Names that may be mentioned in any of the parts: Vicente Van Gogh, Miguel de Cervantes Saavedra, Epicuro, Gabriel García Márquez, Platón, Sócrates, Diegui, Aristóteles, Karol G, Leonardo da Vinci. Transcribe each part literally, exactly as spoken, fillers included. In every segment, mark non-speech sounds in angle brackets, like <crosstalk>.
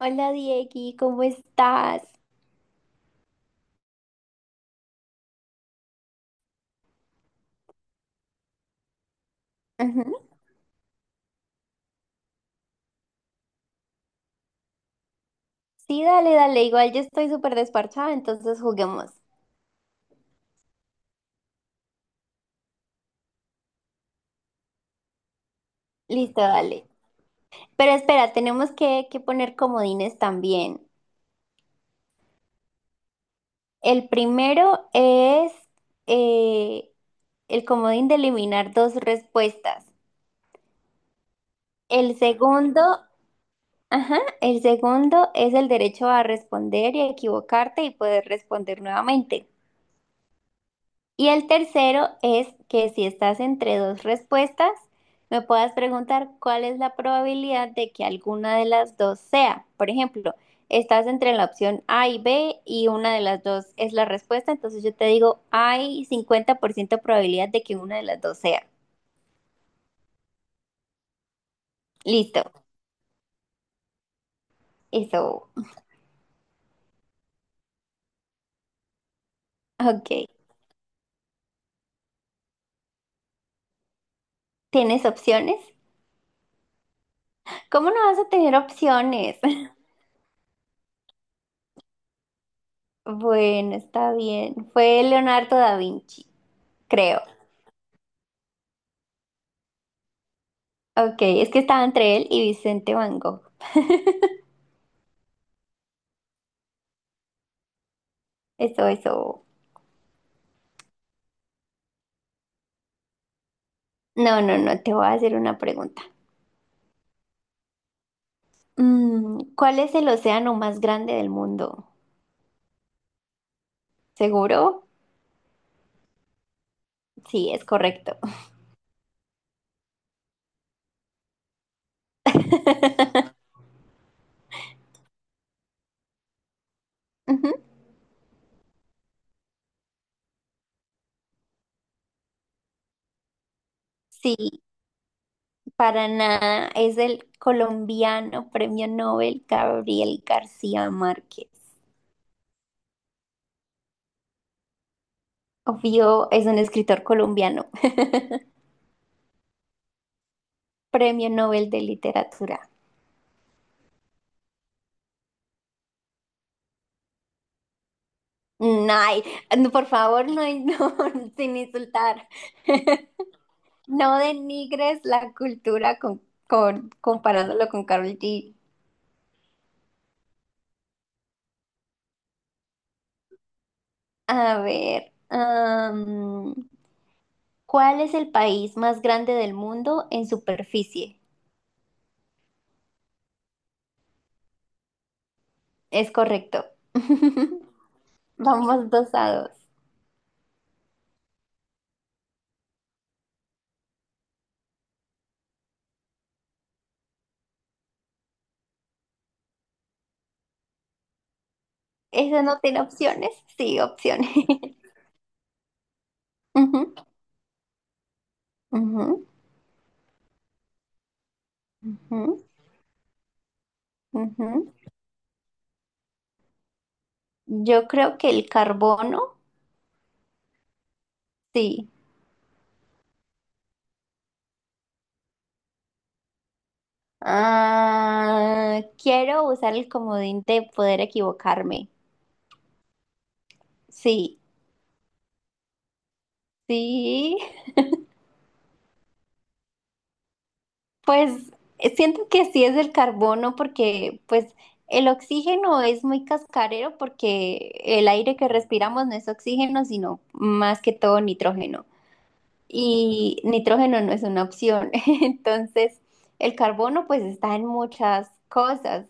Hola Diegui, ¿cómo estás? Ujú. Sí, dale, dale, igual yo estoy súper desparchada, entonces juguemos. Listo, dale. Pero espera, tenemos que, que poner comodines también. El primero es eh, el comodín de eliminar dos respuestas. El segundo, ajá, el segundo es el derecho a responder y a equivocarte y poder responder nuevamente. Y el tercero es que si estás entre dos respuestas, me puedas preguntar cuál es la probabilidad de que alguna de las dos sea. Por ejemplo, estás entre la opción A y B y una de las dos es la respuesta, entonces yo te digo, hay cincuenta por ciento probabilidad de que una de las dos sea. Listo, eso. Ok. ¿Tienes opciones? ¿Cómo no vas a tener opciones? <laughs> Bueno, está bien. Fue Leonardo da Vinci, creo. Ok, es que estaba entre él y Vicente Van Gogh. Eso, eso. No, no, no, te voy a hacer una pregunta. Mm, ¿cuál es el océano más grande del mundo? ¿Seguro? Sí, es correcto. <laughs> Ujú. Sí, para nada. Es el colombiano premio Nobel Gabriel García Márquez. Obvio, es un escritor colombiano. <laughs> Premio Nobel de Literatura. Mm, ay, no, por favor, no, no, <laughs> sin insultar. No denigres la cultura con, con- comparándolo con Karol G. A ver, am, ¿cuál es el país más grande del mundo en superficie? Es correcto. <laughs> Vamos dos a dos. ¿Eso no tiene opciones? Sí, opciones. <laughs> Ujú, ujú, ujú, ujú. Yo creo que el carbono, sí. Ah, quiero usar el comodín de poder equivocarme. Sí, sí. Pues eh, siento que sí es el carbono porque pues el oxígeno es muy cascarero porque el aire que respiramos no es oxígeno, sino más que todo nitrógeno. Y nitrógeno no es una opción. <laughs> Entonces, el carbono pues está en muchas cosas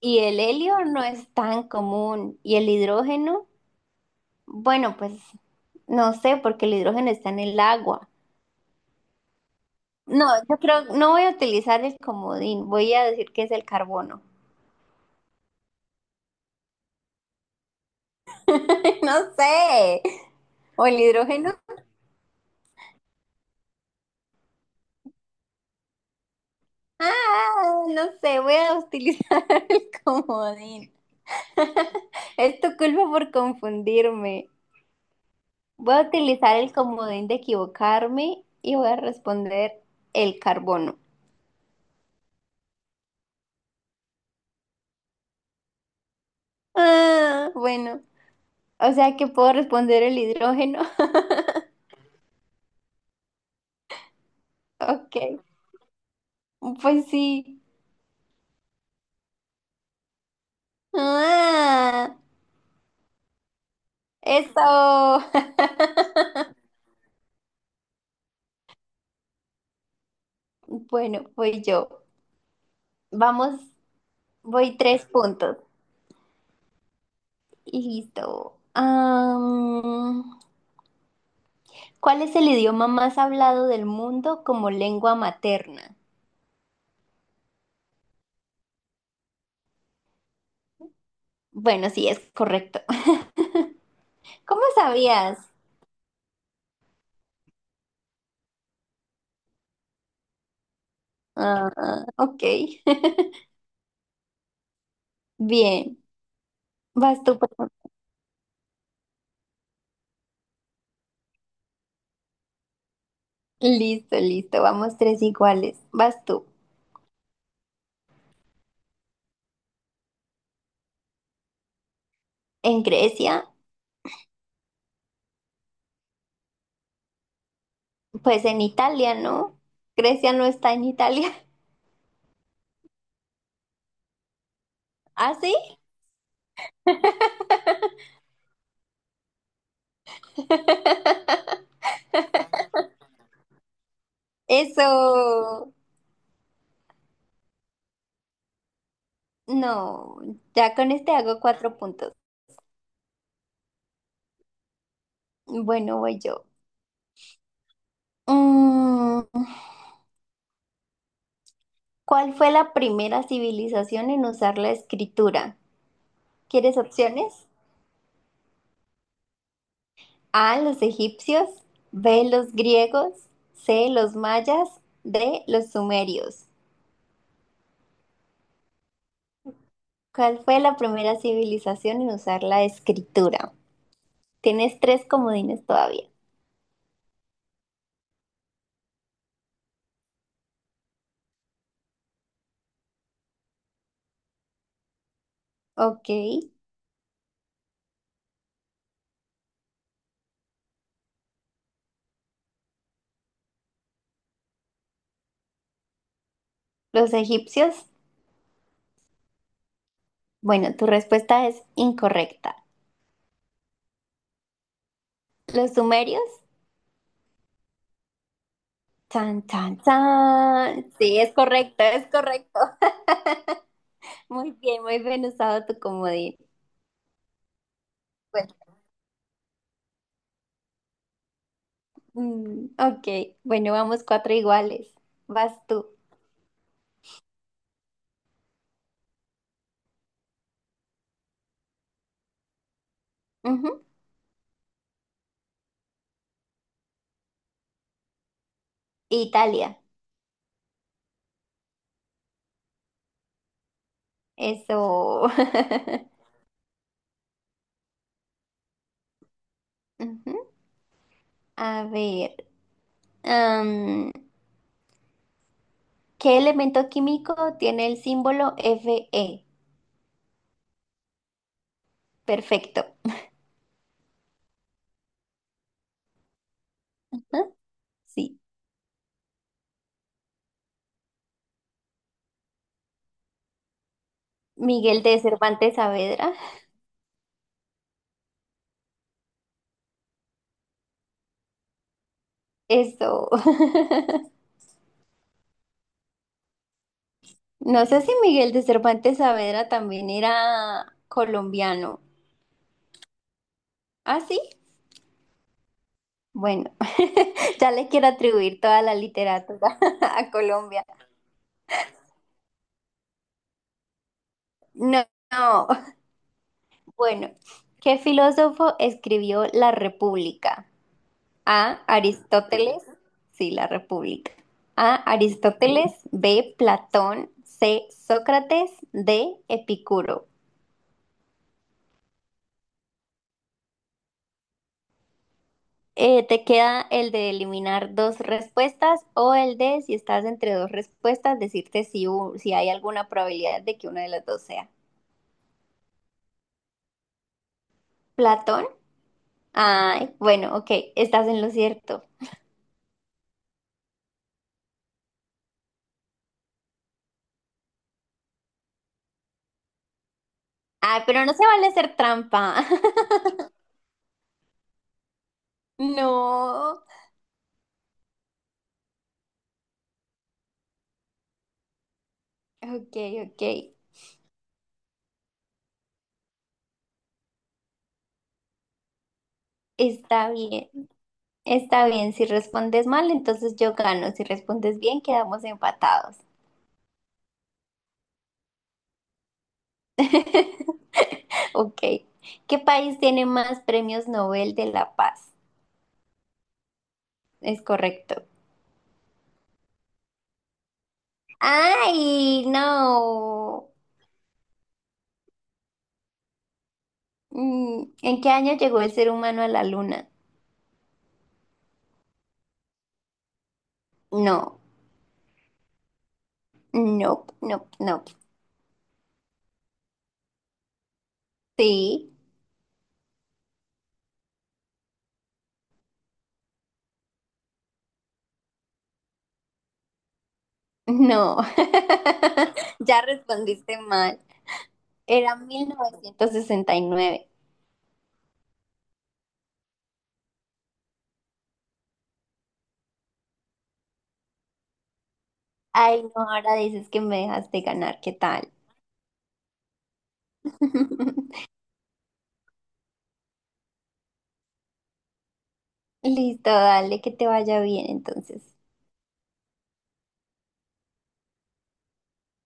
y el helio no es tan común y el hidrógeno, bueno, pues no sé porque el hidrógeno está en el agua. No, yo creo, no voy a utilizar el comodín, voy a decir que es el carbono. <laughs> No sé. O el hidrógeno. Ah, no sé, voy a utilizar <laughs> el comodín. <laughs> Es tu culpa por confundirme. Voy a utilizar el comodín de equivocarme y voy a responder el carbono. Ah, bueno. O sea que puedo responder el hidrógeno. <laughs> Ok. Pues sí. Ah, eso. <laughs> Bueno, voy yo. Vamos, voy tres puntos. Y listo. Am, ¿cuál es el idioma más hablado del mundo como lengua materna? Bueno, sí, es correcto. <laughs> ¿Cómo sabías? Ah, ok. <laughs> Bien. Vas tú, por favor. Listo, listo. Vamos tres iguales. Vas tú. ¿En Grecia? Pues en Italia, ¿no? Grecia no está en Italia. <laughs> ¿Ah, sí? <laughs> Eso. No. Ya con este hago cuatro puntos. Bueno, voy yo. Mm, ¿cuál fue la primera civilización en usar la escritura? ¿Quieres opciones? A, los egipcios, B, los griegos, C, los mayas, D, los sumerios. ¿Cuál fue la primera civilización en usar la escritura? Tienes tres comodines todavía. Ok, los egipcios. Bueno, tu respuesta es incorrecta. ¿Los sumerios? Chan, chan, chan. Sí, es correcto, es correcto. <laughs> Muy bien, muy bien usado tu comodín. Bueno, mm, ok, bueno, vamos cuatro iguales. Vas tú. Ujú. Italia. Eso. <laughs> Ujú. A ver, am, ¿qué elemento químico tiene el símbolo Fe? Perfecto. Ujú. Sí. Miguel de Cervantes Saavedra. Eso. <laughs> No sé si Miguel de Cervantes Saavedra también era colombiano. Ah, sí. Bueno, <laughs> ya le quiero atribuir toda la literatura <laughs> a Colombia. No, no. Bueno, ¿qué filósofo escribió La República? A. Aristóteles. Sí, La República. A. Aristóteles. B. Platón. C. Sócrates. D. Epicuro. Eh, te queda el de eliminar dos respuestas o el de, si estás entre dos respuestas, decirte si, u- si hay alguna probabilidad de que una de las dos sea. Platón. Ay, bueno, ok, estás en lo cierto. Ay, pero no se vale hacer trampa. <laughs> No. Ok, ok. Está bien, está bien. Si respondes mal, entonces yo gano. Si respondes bien, quedamos empatados. <laughs> Ok. ¿Qué país tiene más premios Nobel de la Paz? Es correcto. Ay, no. Mm, ¿en qué año llegó el ser humano a la luna? No, no, no, no. Sí. No, <laughs> ya respondiste mal. Era mil novecientos sesenta y nueve. Ay, no, ahora dices que me dejaste ganar, ¿qué tal? <laughs> Listo, dale, que te vaya bien entonces.